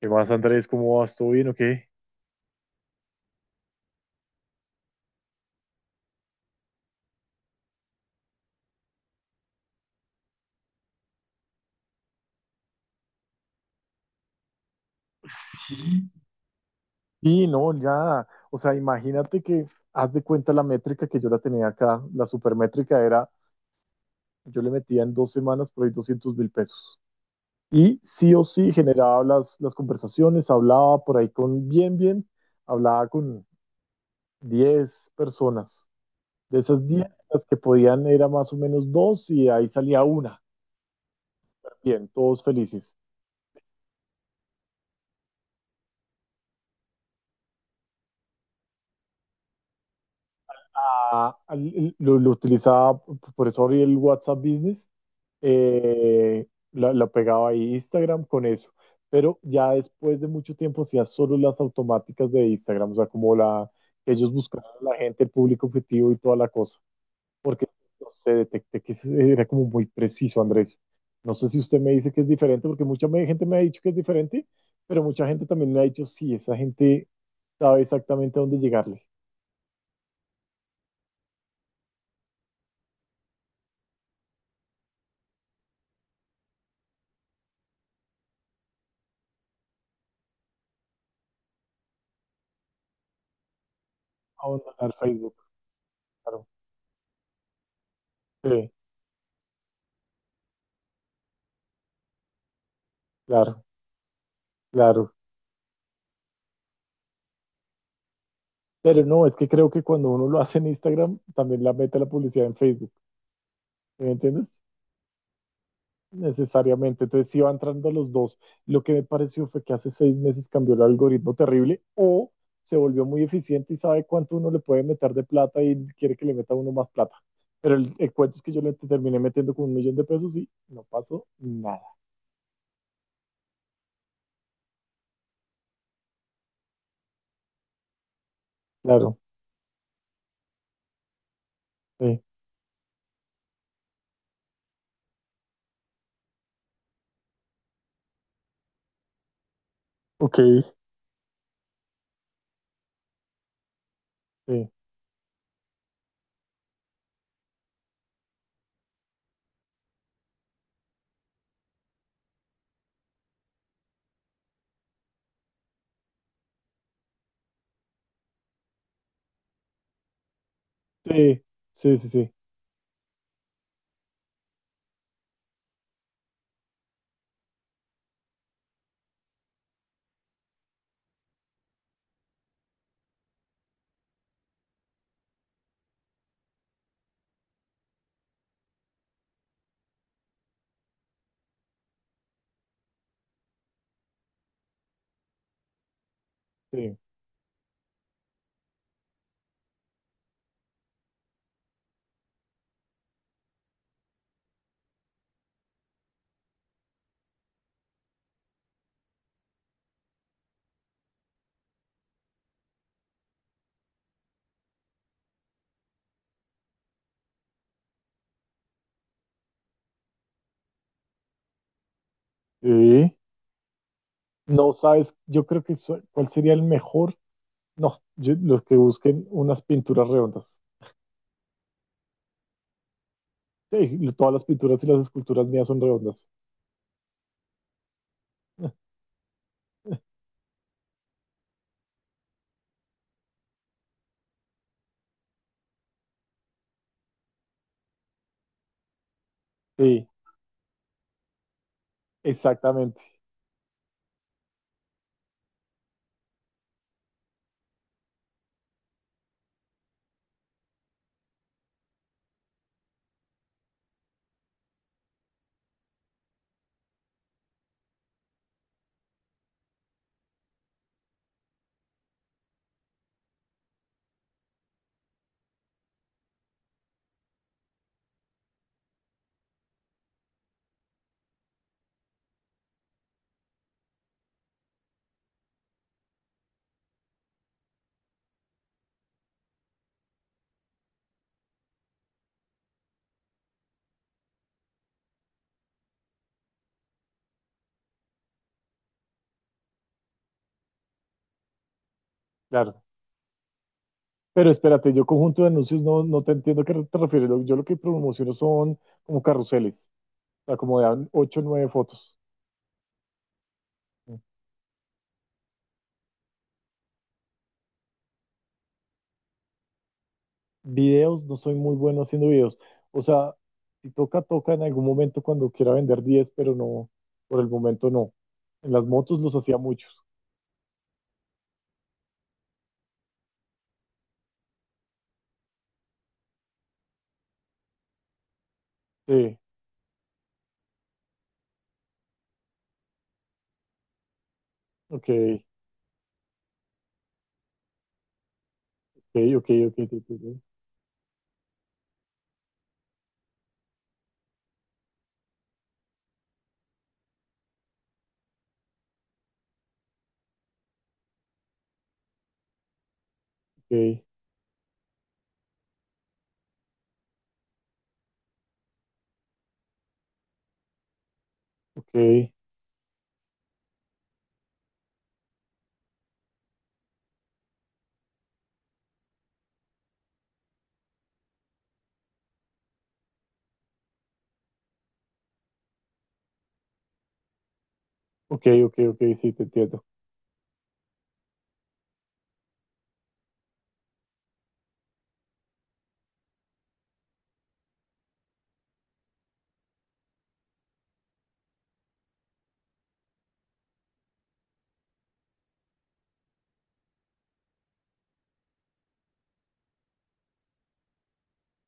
¿Qué más, Andrés? ¿Cómo vas? ¿Todo bien o qué? Sí, no, ya. O sea, imagínate que haz de cuenta la métrica que yo la tenía acá. La supermétrica era, yo le metía en dos semanas por ahí 200.000 pesos. Y sí o sí generaba las conversaciones, hablaba por ahí con bien, bien, hablaba con 10 personas. De esas 10 las que podían era más o menos dos y ahí salía una. Bien, todos felices. Lo utilizaba, por eso abrí el WhatsApp Business. Eh, la, la pegaba ahí Instagram con eso, pero ya después de mucho tiempo hacía solo las automáticas de Instagram. O sea, como la, ellos buscaban a la gente, el público objetivo y toda la cosa, porque no sé, detecté que ese era como muy preciso, Andrés. No sé si usted me dice que es diferente, porque mucha gente me ha dicho que es diferente, pero mucha gente también me ha dicho, sí, esa gente sabe exactamente a dónde llegarle, a dónde al Facebook, claro. Sí. Claro, claro. Pero no, es que creo que cuando uno lo hace en Instagram, también la mete la publicidad en Facebook. ¿Sí? ¿Me entiendes? Necesariamente. Entonces sí va entrando los dos. Lo que me pareció fue que hace 6 meses cambió el algoritmo terrible o se volvió muy eficiente y sabe cuánto uno le puede meter de plata y quiere que le meta uno más plata. Pero el cuento es que yo le terminé metiendo con 1.000.000 de pesos y no pasó nada. Claro. Sí. Ok. Sí. Sí. Sí, sí, sí. Sí. Sí. No sabes, yo creo que so- cuál sería el mejor. No, yo- los que busquen unas pinturas redondas. Sí, todas las pinturas y las esculturas mías son redondas. Sí, exactamente, claro. Pero espérate, yo conjunto de anuncios no te entiendo a qué te refieres. Lo- Yo lo que promociono son como carruseles, o sea, como de 8 o 9 fotos. Videos, no soy muy bueno haciendo videos. O sea, si toca, toca en algún momento cuando quiera vender 10, pero no, por el momento no. En las motos los hacía muchos. Sí. Ok, ok, ok, ok, te entiendo. Ok, ok, ok, ok, ok, sí, te entiendo.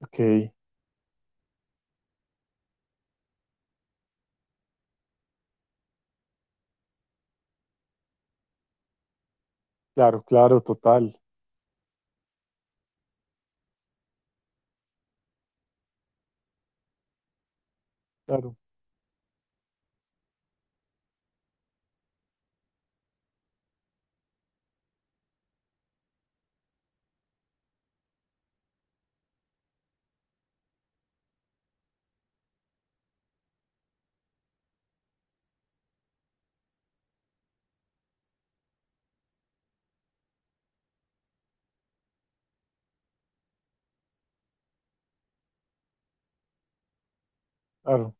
Ok, claro, claro, total, claro, claro.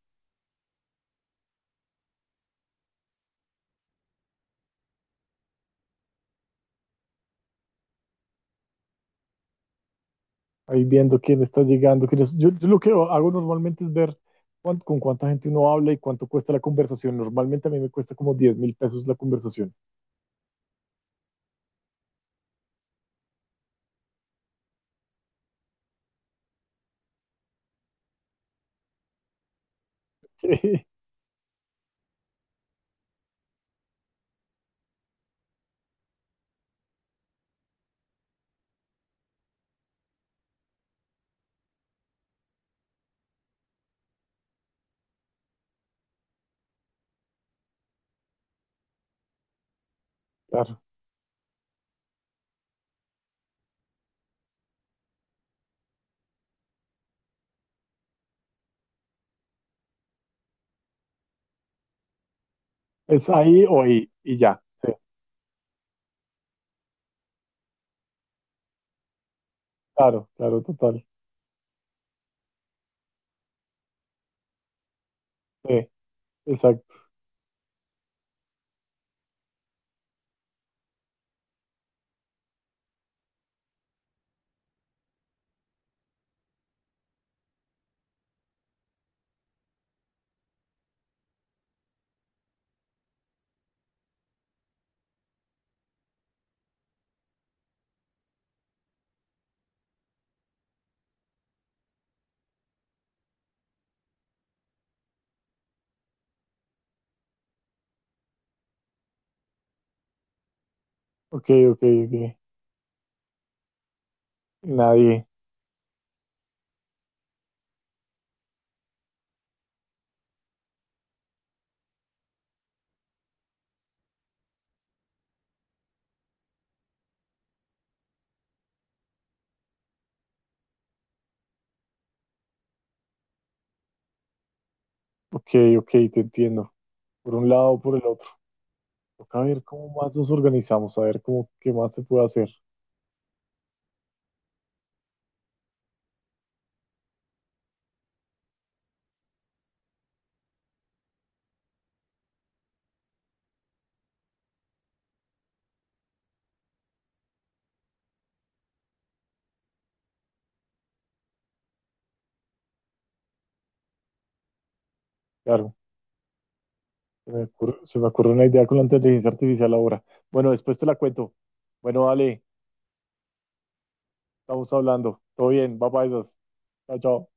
Ahí viendo quién está llegando, quién es. Yo lo que hago normalmente es ver cuán- con cuánta gente uno habla y cuánto cuesta la conversación. Normalmente a mí me cuesta como 10.000 pesos la conversación. Claro, es ahí o ahí y ya. Claro, claro, total. Sí, exacto. Ok, ok, ok. Nadie. Ok, ok, te entiendo. Por un lado o por el otro. Toca ver cómo más nos organizamos, a ver cómo qué más se puede hacer. Claro, se me ocurre una idea con la inteligencia artificial ahora. Bueno, después te la cuento. Bueno, dale, estamos hablando. Todo bien, va para esas. Chao, chao.